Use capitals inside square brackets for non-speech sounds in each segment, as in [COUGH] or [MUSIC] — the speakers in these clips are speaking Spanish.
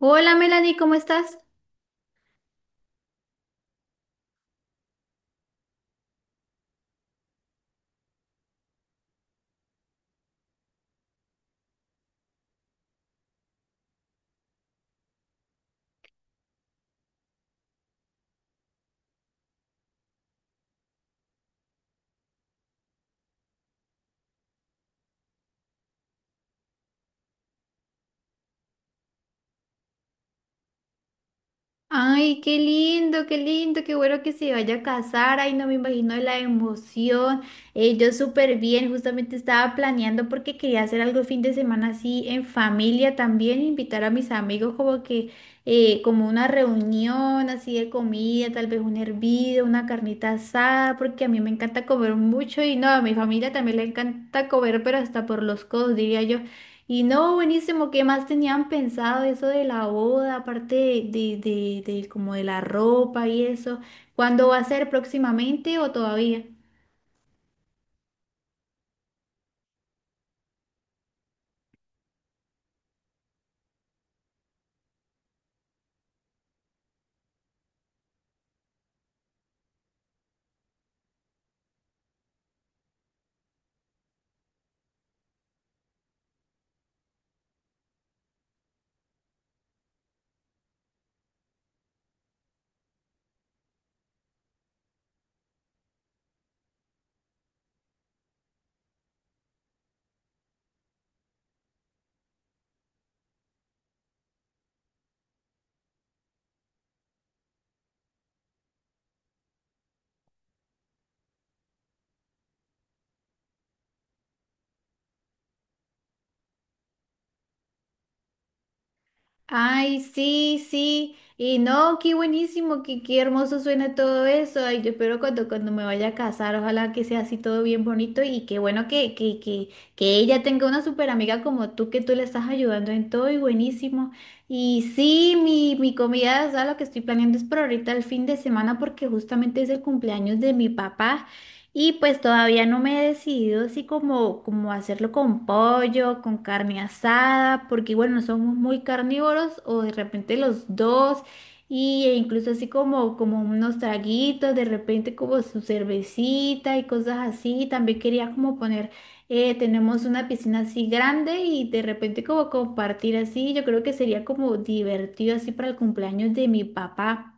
Hola Melanie, ¿cómo estás? Ay, qué lindo, qué lindo, qué bueno que se vaya a casar. Ay, no me imagino la emoción. Yo súper bien, justamente estaba planeando porque quería hacer algo el fin de semana así en familia también, invitar a mis amigos como que como una reunión así de comida, tal vez un hervido, una carnita asada, porque a mí me encanta comer mucho y no, a mi familia también le encanta comer, pero hasta por los codos, diría yo. Y no, buenísimo, ¿qué más tenían pensado eso de la boda, aparte de como de la ropa y eso? ¿Cuándo va a ser próximamente o todavía? Ay, sí, sí. Y no, qué buenísimo, qué, qué hermoso suena todo eso. Ay, yo espero cuando me vaya a casar, ojalá que sea así todo bien bonito y qué bueno que ella tenga una súper amiga como tú, que tú le estás ayudando en todo y buenísimo. Y sí, mi comida, o sea, lo que estoy planeando es por ahorita el fin de semana porque justamente es el cumpleaños de mi papá. Y pues todavía no me he decidido así como hacerlo con pollo, con carne asada, porque bueno, somos muy carnívoros o de repente los dos, y, e incluso así como unos traguitos, de repente como su cervecita y cosas así. También quería como poner, tenemos una piscina así grande y de repente como compartir así, yo creo que sería como divertido así para el cumpleaños de mi papá.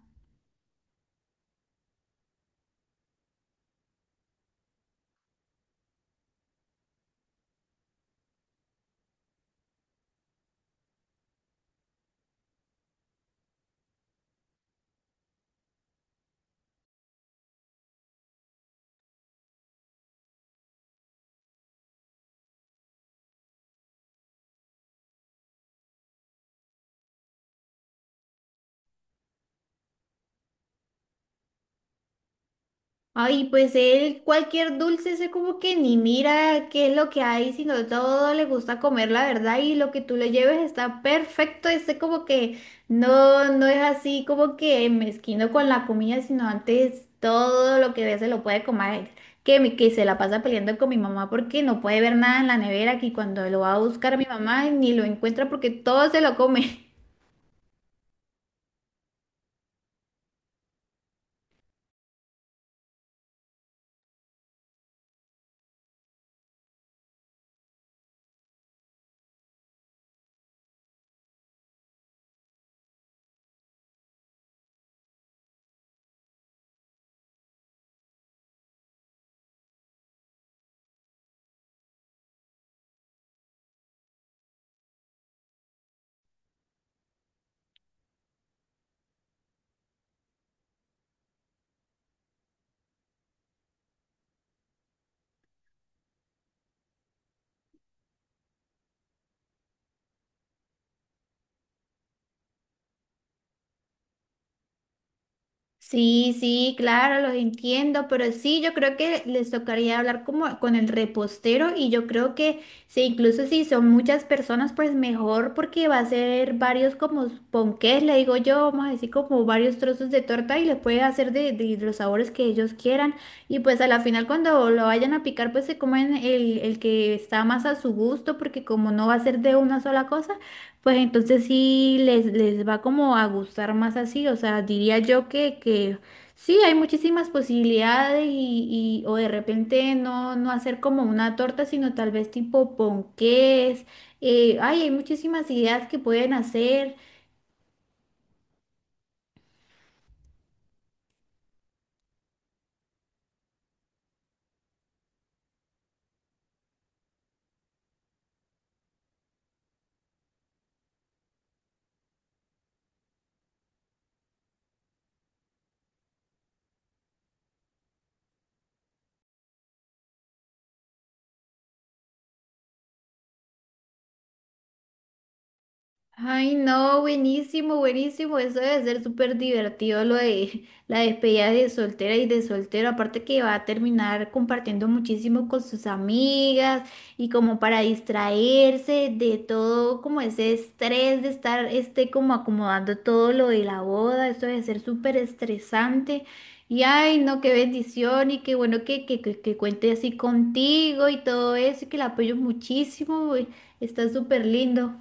Ay, pues él cualquier dulce se como que ni mira qué es lo que hay, sino todo le gusta comer, la verdad, y lo que tú le lleves está perfecto, ese como que no, no es así como que mezquino con la comida, sino antes todo lo que ve se lo puede comer, que, que se la pasa peleando con mi mamá porque no puede ver nada en la nevera, que cuando lo va a buscar mi mamá ni lo encuentra porque todo se lo come. Sí, sí, claro, los entiendo, pero sí, yo creo que les tocaría hablar como con el repostero y yo creo que sí, incluso si son muchas personas, pues mejor porque va a ser varios como ponqués, le digo yo, vamos a decir como varios trozos de torta y le puede hacer de los sabores que ellos quieran y pues a la final cuando lo vayan a picar, pues se comen el que está más a su gusto porque como no va a ser de una sola cosa pues entonces sí les va como a gustar más así, o sea, diría yo que sí, hay muchísimas posibilidades o de repente no, no hacer como una torta, sino tal vez tipo ponqués, ay, hay muchísimas ideas que pueden hacer. Ay, no, buenísimo, buenísimo. Eso debe ser súper divertido lo de la despedida de soltera y de soltero. Aparte que va a terminar compartiendo muchísimo con sus amigas y como para distraerse de todo como ese estrés de estar este como acomodando todo lo de la boda. Eso debe ser súper estresante. Y ay, no, qué bendición y qué bueno que cuente así contigo y todo eso y que la apoyo muchísimo. Está súper lindo.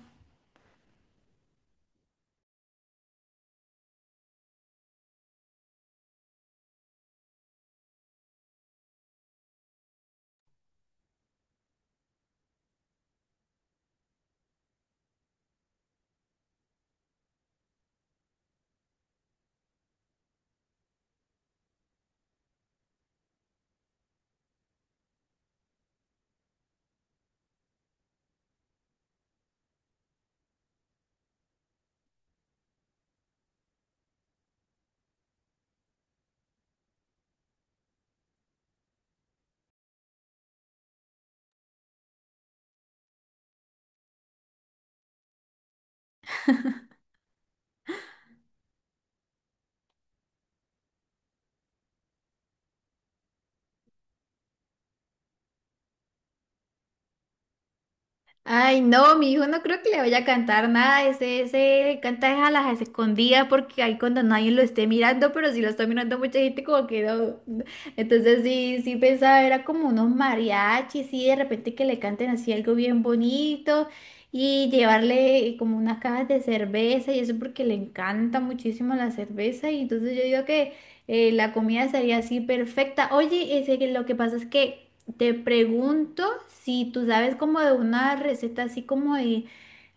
Ay, no, mi hijo no creo que le vaya a cantar nada. Ese canta es a las escondidas porque ahí cuando nadie lo esté mirando, pero si lo está mirando mucha gente, como que no. no. Entonces sí, sí pensaba, era como unos mariachis, sí, de repente que le canten así algo bien bonito y llevarle como unas cajas de cerveza y eso porque le encanta muchísimo la cerveza. Y entonces yo digo que la comida sería así perfecta. Oye, ese, que lo que pasa es que. Te pregunto si tú sabes como de una receta así como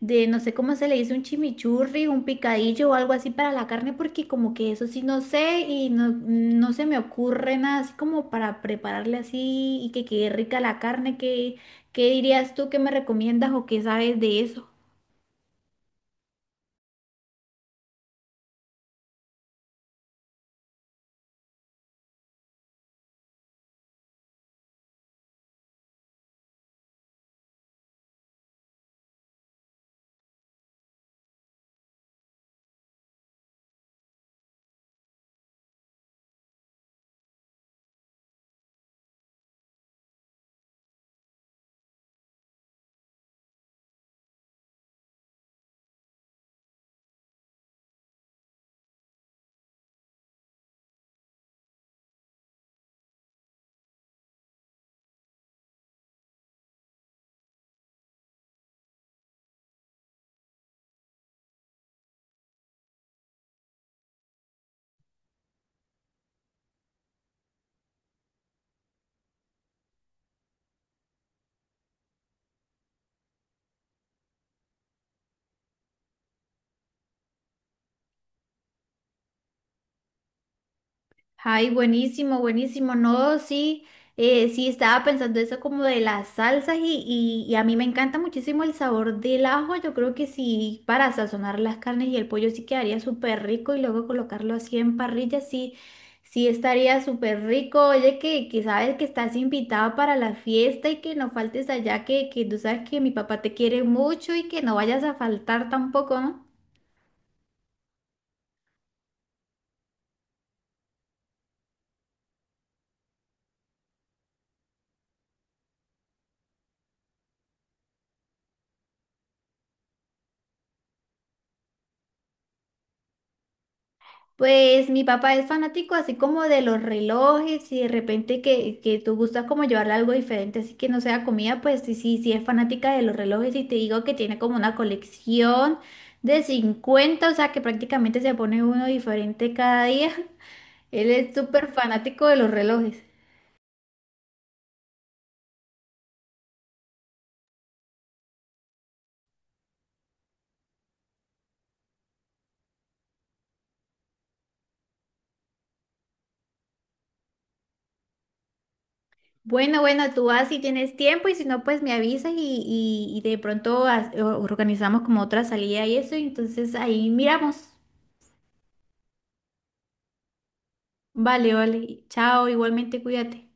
de no sé cómo se le dice, un chimichurri, un picadillo o algo así para la carne, porque como que eso sí no sé y no, no se me ocurre nada así como para prepararle así y que quede rica la carne. ¿Qué, qué dirías tú? ¿Qué me recomiendas o qué sabes de eso? Ay, buenísimo, buenísimo. No, sí, sí, estaba pensando eso como de las salsas y a mí me encanta muchísimo el sabor del ajo. Yo creo que sí, para sazonar las carnes y el pollo sí quedaría súper rico y luego colocarlo así en parrilla, sí, sí estaría súper rico. Oye, que sabes que estás invitado para la fiesta y que no faltes allá, que tú sabes que mi papá te quiere mucho y que no vayas a faltar tampoco, ¿no? Pues mi papá es fanático así como de los relojes y de repente que tú gustas como llevarle algo diferente, así que no sea comida, pues sí, sí, sí es fanática de los relojes y te digo que tiene como una colección de 50, o sea que prácticamente se pone uno diferente cada día. [LAUGHS] Él es súper fanático de los relojes. Bueno, bueno, tú vas si tienes tiempo y si no, pues me avisas y de pronto organizamos como otra salida y eso, y entonces ahí miramos. Vale, vale. Chao, igualmente cuídate.